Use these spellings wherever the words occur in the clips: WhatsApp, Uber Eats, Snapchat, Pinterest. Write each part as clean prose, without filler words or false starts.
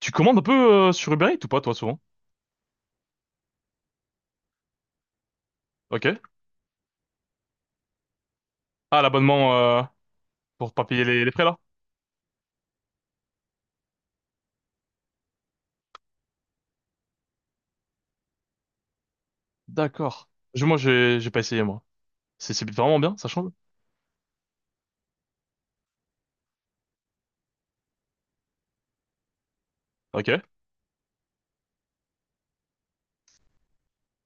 Tu commandes un peu sur Uber Eats ou pas, toi, souvent? Ok. Ah, l'abonnement pour pas payer les frais, là? D'accord. Moi, j'ai pas essayé, moi. C'est vraiment bien, ça change? Ok,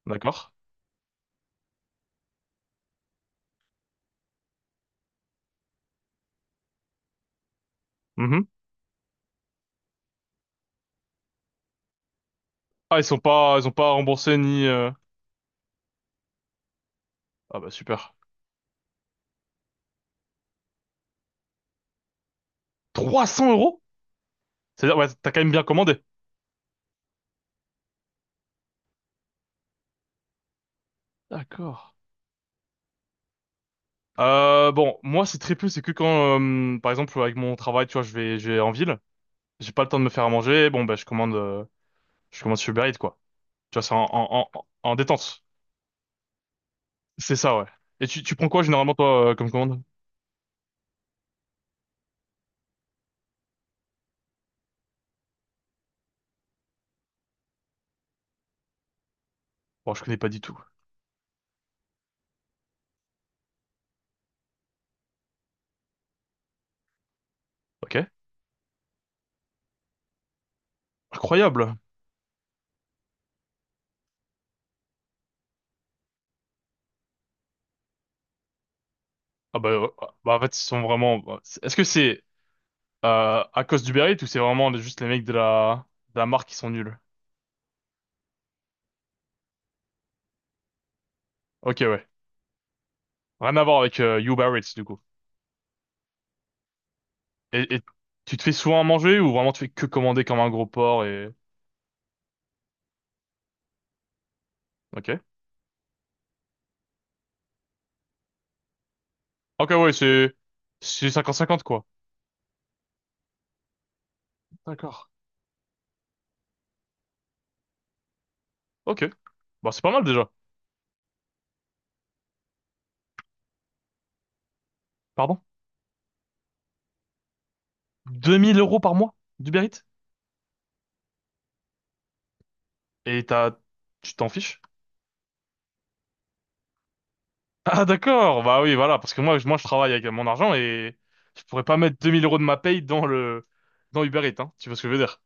d'accord. Mhm. Ah, ils ont pas remboursé ni... Ah bah, super. 300 euros? C'est-à-dire, ouais, t'as quand même bien commandé. D'accord. Bon, moi, c'est très peu, c'est que quand, par exemple, avec mon travail, tu vois, je vais en ville, j'ai pas le temps de me faire à manger, bon, bah, je commande sur Uber Eats, quoi. Tu vois, c'est en détente. C'est ça, ouais. Et tu prends quoi généralement toi comme commande? Bon, je connais pas du tout. Ok. Incroyable. Ah bah, bah en fait ils sont vraiment. Bah, est-ce que c'est à cause du Eats ou c'est vraiment juste les mecs de la marque qui sont nuls? Ok, ouais. Rien à voir avec Uber Eats du coup. Et tu te fais souvent à manger ou vraiment tu fais que commander comme un gros porc et. Ok. Ok, ouais, c'est cinquante cinquante quoi. D'accord. Ok. Bah c'est pas mal déjà. Pardon? 2 000 € par mois d'Uber Eats? Et t'as tu t'en fiches? Ah d'accord, bah oui, voilà, parce que moi, moi je travaille avec mon argent et je pourrais pas mettre 2 000 € de ma paye dans le dans Uber Eats, hein. Tu vois ce que je veux dire?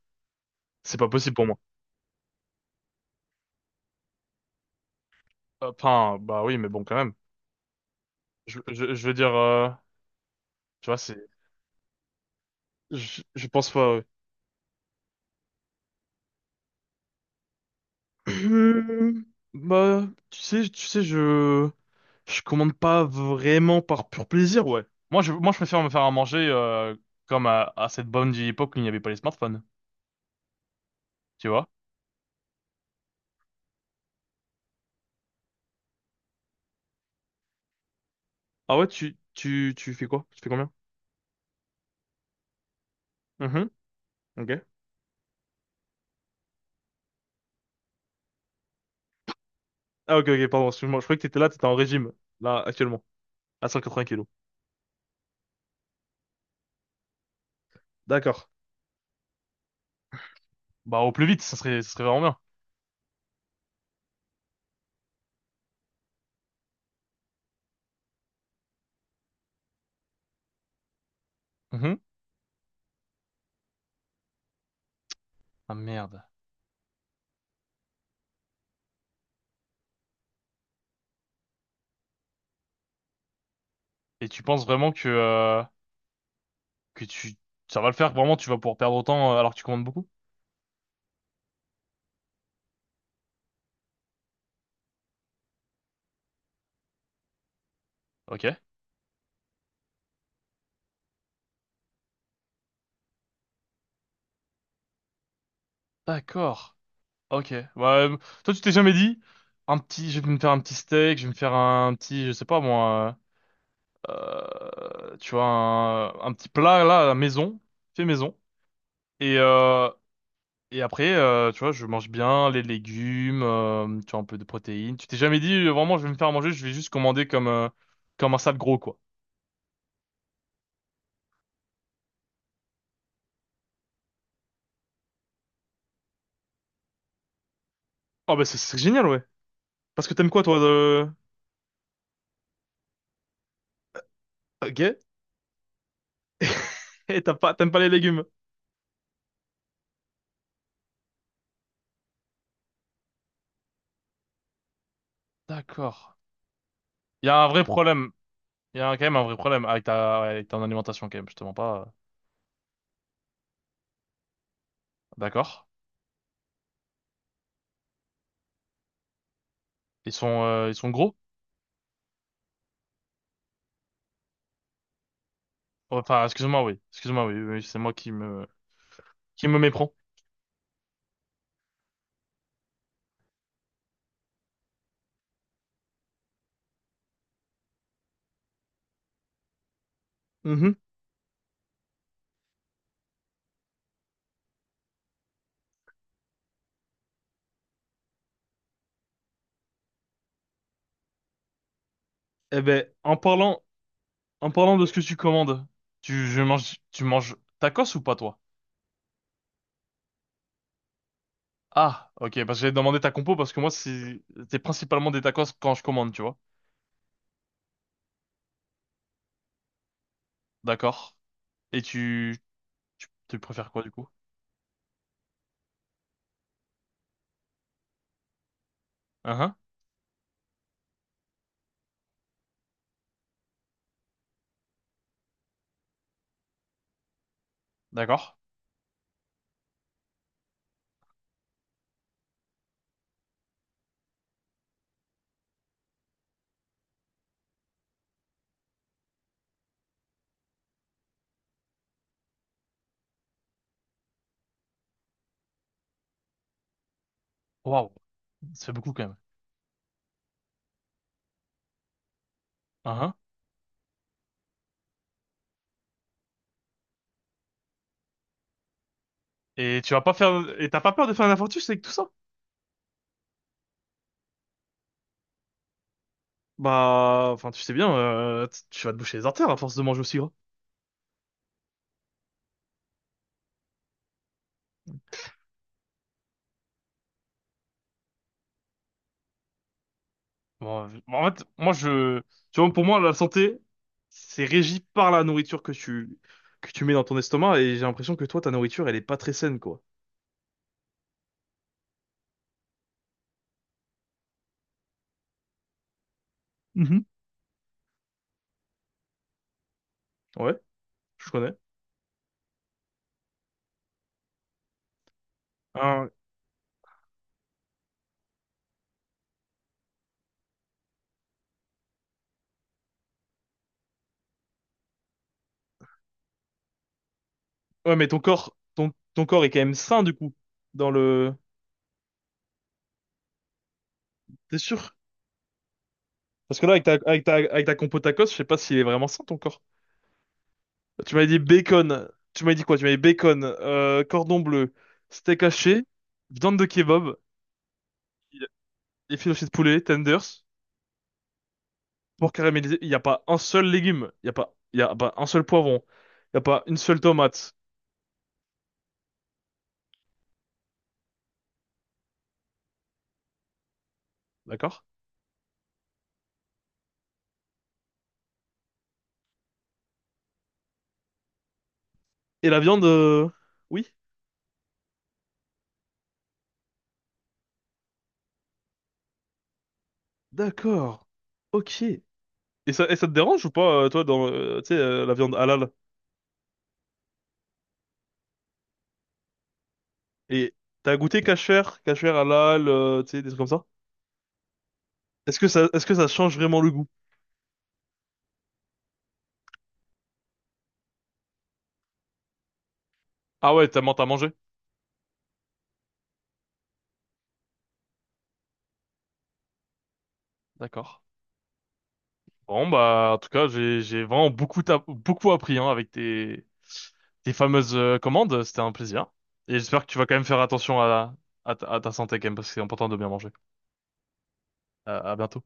C'est pas possible pour moi. Enfin, bah oui, mais bon quand même. Je veux dire, tu vois, c'est, je pense pas. Ouais. Euh, Bah, tu sais, je commande pas vraiment par pur plaisir, ouais. Moi, je préfère me faire à manger comme à cette bonne vieille époque où il n'y avait pas les smartphones, tu vois? Ah ouais, tu fais quoi? Tu fais combien? Mhm, ok. Ah, ok, ok, pardon, excuse-moi, je croyais que t'étais en régime là actuellement à 180 kilos. D'accord. Bah au plus vite ça serait vraiment bien. Mhm. Ah merde. Et tu penses vraiment que tu ça va le faire vraiment tu vas pouvoir perdre autant alors que tu commandes beaucoup? Ok. D'accord. Ok. Bah toi tu t'es jamais dit un petit je vais me faire un petit steak je vais me faire un petit je sais pas moi euh, tu vois un petit plat là à la maison fait maison et euh, Et après, tu vois, je mange bien les légumes, tu vois, un peu de protéines. Tu t'es jamais dit, vraiment, je vais me faire manger, je vais juste commander comme un sale gros, quoi. Oh, bah, c'est génial, ouais. Parce que t'aimes quoi, toi, de... gay? Et t'aimes pas les légumes. D'accord. Il y a un vrai problème. Il y a quand même un vrai problème avec ouais, avec ton alimentation, quand même, je te mens pas. D'accord. Ils sont gros? Enfin, excuse-moi, oui. Excuse-moi, oui. Oui, c'est moi qui me méprends. Mhm. Eh ben, En parlant de ce que tu commandes, tu manges tacos ou pas toi? Ah, ok, parce que j'avais demandé ta compo parce que moi c'est principalement des tacos quand je commande, tu vois. D'accord. Et tu préfères quoi du coup? Hein? D'accord. Waouh, ça fait beaucoup quand même. Hein? Et tu vas pas faire et t'as pas peur de faire un infarctus avec tout ça? Bah, enfin tu sais bien, tu vas te boucher les artères à force de manger aussi. Bon, en fait, tu vois, pour moi, la santé, c'est régi par la nourriture que tu mets dans ton estomac, et j'ai l'impression que toi, ta nourriture, elle est pas très saine, quoi. Mhm. Ouais, je connais. Hein, ouais, mais ton corps, ton corps est quand même sain, du coup, dans le, t'es sûr? Parce que là, avec ta compo tacos, je sais pas s'il est vraiment sain, ton corps. Tu m'avais dit bacon, tu m'avais dit quoi? Tu m'avais dit bacon, cordon bleu, steak haché, viande de kebab, et filet de poulet, tenders. Pour caraméliser, il n'y a pas un seul légume, il y a pas un seul poivron, il n'y a pas une seule tomate, d'accord? Et la viande, oui, d'accord, ok. Et ça te dérange ou pas, toi, dans, tu sais, la viande halal? Et t'as goûté kasher halal, tu sais, des trucs comme ça? Est-ce que ça change vraiment le goût? Ah ouais, t'as mangé? D'accord. Bon, bah, en tout cas, j'ai vraiment beaucoup, beaucoup appris, hein, avec tes fameuses commandes. C'était un plaisir. Et j'espère que tu vas quand même faire attention à ta santé, quand même, parce que c'est important de bien manger. À bientôt.